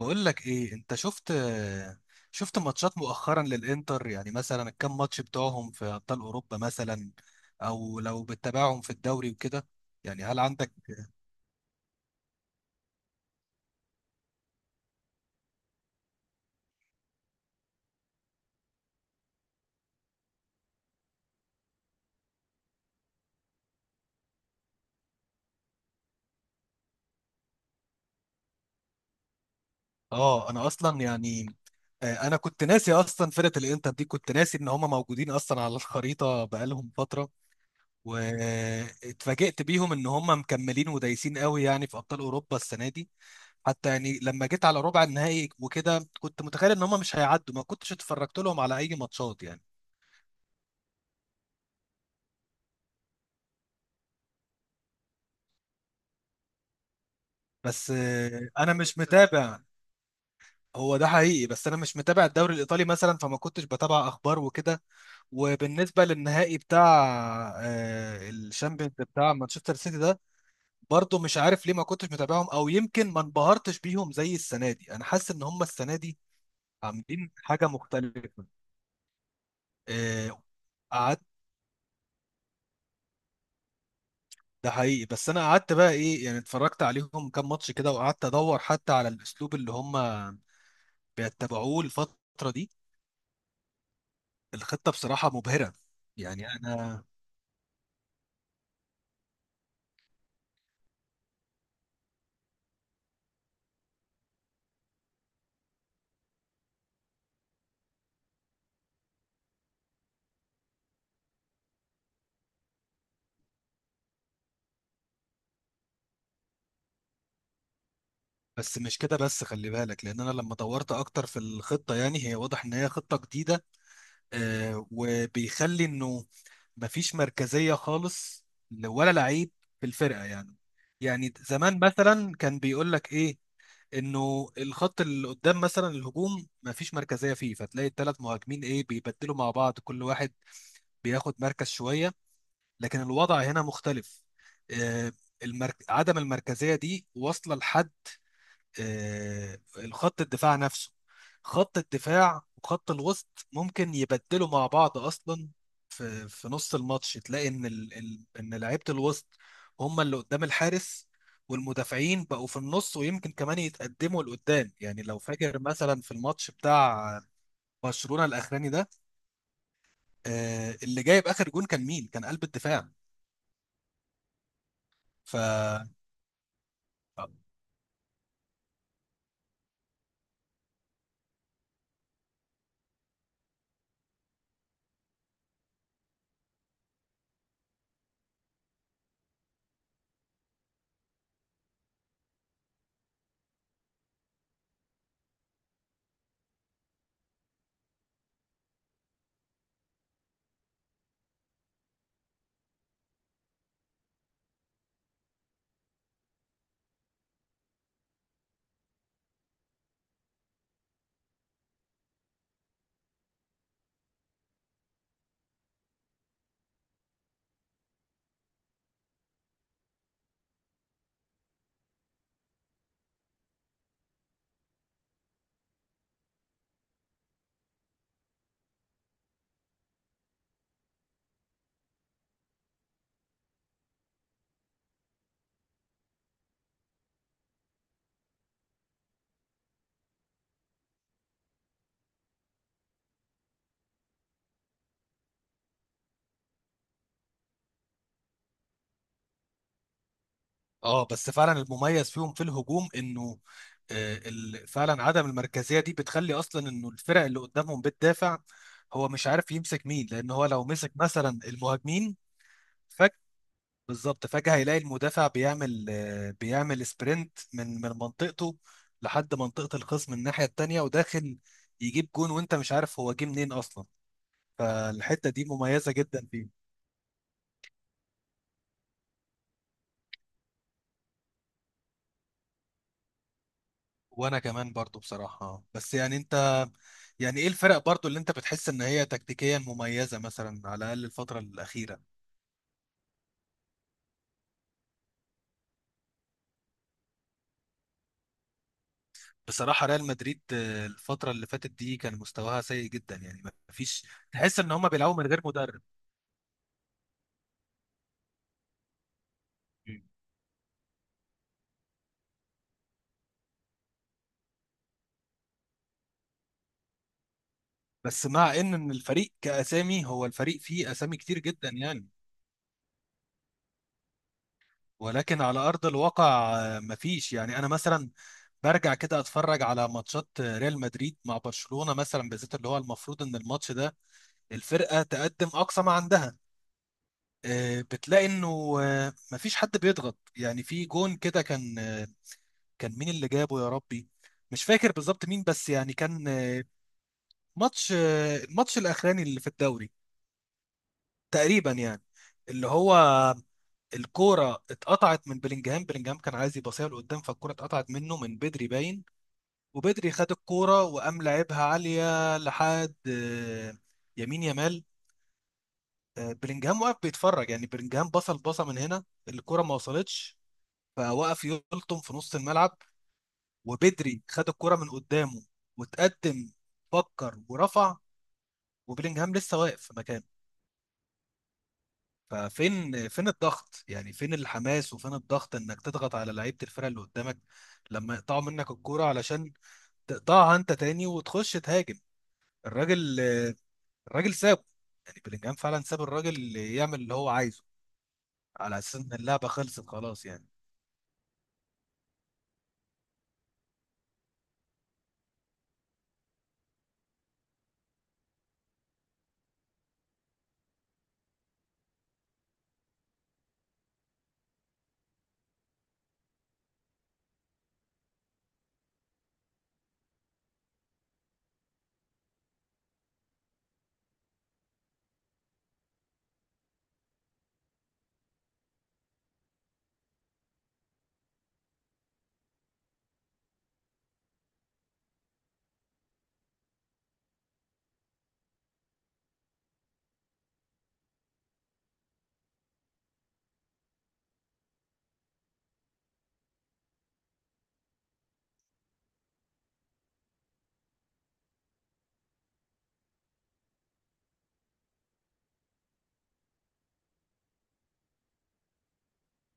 بقول لك ايه انت شفت ماتشات مؤخرا للانتر، يعني مثلا الكام ماتش بتوعهم في ابطال اوروبا، مثلا او لو بتتابعهم في الدوري وكده، يعني هل عندك؟ اه انا اصلا يعني، انا كنت ناسي اصلا فرقة الانتر دي، كنت ناسي ان هم موجودين اصلا على الخريطة بقالهم فترة. واتفاجئت بيهم ان هم مكملين ودايسين قوي يعني في ابطال اوروبا السنة دي. حتى يعني لما جيت على ربع النهائي وكده كنت متخيل ان هم مش هيعدوا، ما كنتش اتفرجت لهم على اي ماتشات يعني. بس انا مش متابع. هو ده حقيقي، بس انا مش متابع الدوري الايطالي مثلا، فما كنتش بتابع اخبار وكده. وبالنسبه للنهائي بتاع الشامبيونز بتاع مانشستر سيتي ده، برضو مش عارف ليه ما كنتش متابعهم، او يمكن ما انبهرتش بيهم زي السنه دي. انا حاسس ان هم السنه دي عاملين حاجه مختلفه. آه، قعدت ده حقيقي، بس انا قعدت بقى ايه يعني، اتفرجت عليهم كام ماتش كده وقعدت ادور حتى على الاسلوب اللي هم بيتبعوه الفتره دي. الخطة بصراحة مبهرة. يعني أنا، بس مش كده، بس خلي بالك، لأن أنا لما دورت أكتر في الخطة يعني، هي واضح إن هي خطة جديدة. وبيخلي إنه مفيش مركزية خالص، ولا لعيب في الفرقة يعني. يعني زمان مثلا كان بيقول لك إيه، إنه الخط اللي قدام مثلا الهجوم مفيش مركزية فيه، فتلاقي الثلاث مهاجمين إيه بيبدلوا مع بعض، كل واحد بياخد مركز شوية. لكن الوضع هنا مختلف. آه، عدم المركزية دي واصلة لحد الخط الدفاع نفسه. خط الدفاع وخط الوسط ممكن يبدلوا مع بعض أصلا، في نص الماتش تلاقي إن إن لعيبة الوسط هم اللي قدام الحارس، والمدافعين بقوا في النص، ويمكن كمان يتقدموا لقدام. يعني لو فاكر مثلا في الماتش بتاع برشلونة الأخراني ده، اللي جايب آخر جون كان مين؟ كان قلب الدفاع. ف اه، بس فعلا المميز فيهم في الهجوم انه فعلا عدم المركزيه دي بتخلي اصلا انه الفرق اللي قدامهم بتدافع هو مش عارف يمسك مين، لان هو لو مسك مثلا المهاجمين فجأة. بالظبط فجأة هيلاقي المدافع بيعمل سبرنت من منطقته لحد منطقة الخصم الناحية التانية وداخل، يجيب جون وانت مش عارف هو جه منين اصلا. فالحتة دي مميزة جدا فيه. وانا كمان برضو بصراحة، بس يعني انت، يعني ايه الفرق برضو اللي انت بتحس ان هي تكتيكيا مميزة، مثلا على الاقل الفترة الاخيرة؟ بصراحة ريال مدريد الفترة اللي فاتت دي كان مستواها سيء جدا، يعني ما فيش، تحس ان هم بيلعبوا من غير مدرب. مم. بس مع إن الفريق كاسامي، هو الفريق فيه اسامي كتير جدا يعني، ولكن على ارض الواقع مفيش. يعني انا مثلا برجع كده اتفرج على ماتشات ريال مدريد مع برشلونة مثلا، بالذات اللي هو المفروض ان الماتش ده الفرقة تقدم أقصى ما عندها، بتلاقي إنه مفيش حد بيضغط. يعني في جون كده كان مين اللي جابه يا ربي، مش فاكر بالظبط مين، بس يعني كان آه، ماتش آه، الماتش الأخراني اللي في الدوري تقريبا يعني. اللي هو الكورة اتقطعت من بلينجهام. بلينجهام كان عايز يباصيها لقدام، فالكورة اتقطعت منه من بدري باين. وبدري خد الكورة وقام لعبها عالية لحد يمين يمال. بلينجهام واقف بيتفرج، يعني بلينجهام بصل بصه من هنا الكره ما وصلتش، فوقف يلطم في نص الملعب. وبدري خد الكره من قدامه وتقدم، فكر ورفع، وبلينجهام لسه واقف في مكانه. ففين الضغط، يعني فين الحماس وفين الضغط انك تضغط على لعيبه الفرقه اللي قدامك لما يقطعوا منك الكوره علشان تقطعها انت تاني وتخش تهاجم. الراجل آه، الراجل سابه، يعني بلينجهام فعلا ساب الراجل يعمل اللي هو عايزه، على اساس ان اللعبه خلصت خلاص يعني.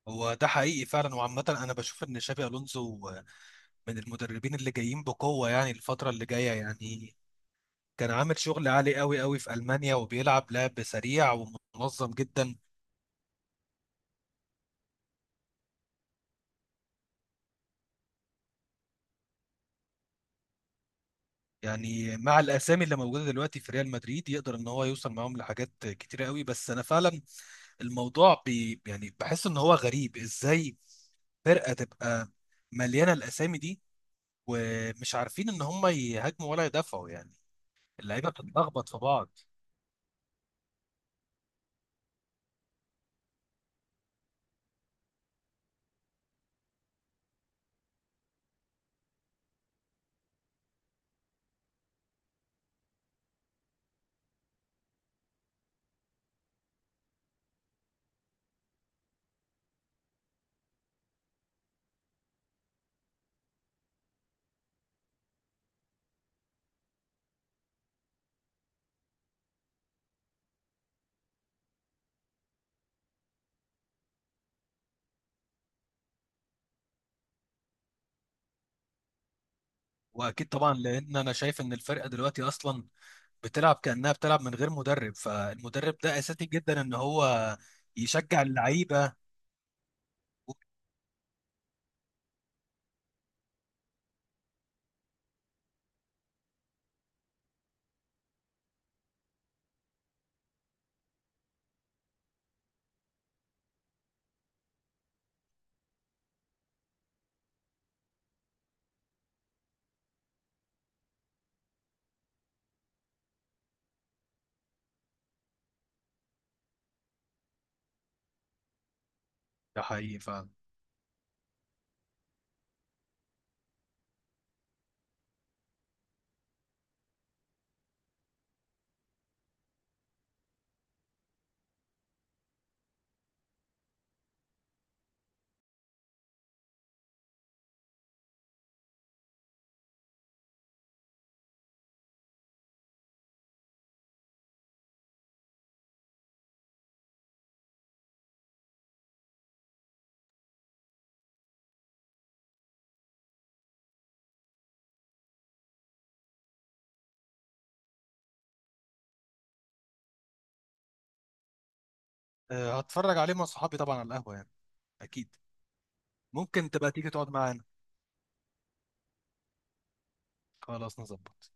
هو ده حقيقي فعلا، وعامة أنا بشوف إن شابي ألونسو من المدربين اللي جايين بقوة يعني الفترة اللي جاية يعني. كان عامل شغل عالي قوي قوي في ألمانيا، وبيلعب لعب سريع ومنظم جدا. يعني مع الأسامي اللي موجودة دلوقتي في ريال مدريد يقدر إن هو يوصل معاهم لحاجات كتيرة قوي. بس أنا فعلا الموضوع بي يعني بحس إن هو غريب إزاي فرقة تبقى مليانة الأسامي دي ومش عارفين إن هم يهاجموا ولا يدافعوا يعني، اللعيبة بتتلخبط في بعض. واكيد طبعا، لان انا شايف ان الفرقه دلوقتي اصلا بتلعب كانها بتلعب من غير مدرب، فالمدرب ده اساسي جدا ان هو يشجع اللعيبه. ده حقيقي فعلا. أه، هتفرج عليه مع صحابي طبعا على القهوه يعني. اكيد ممكن تبقى تيجي تقعد معانا. خلاص نظبط.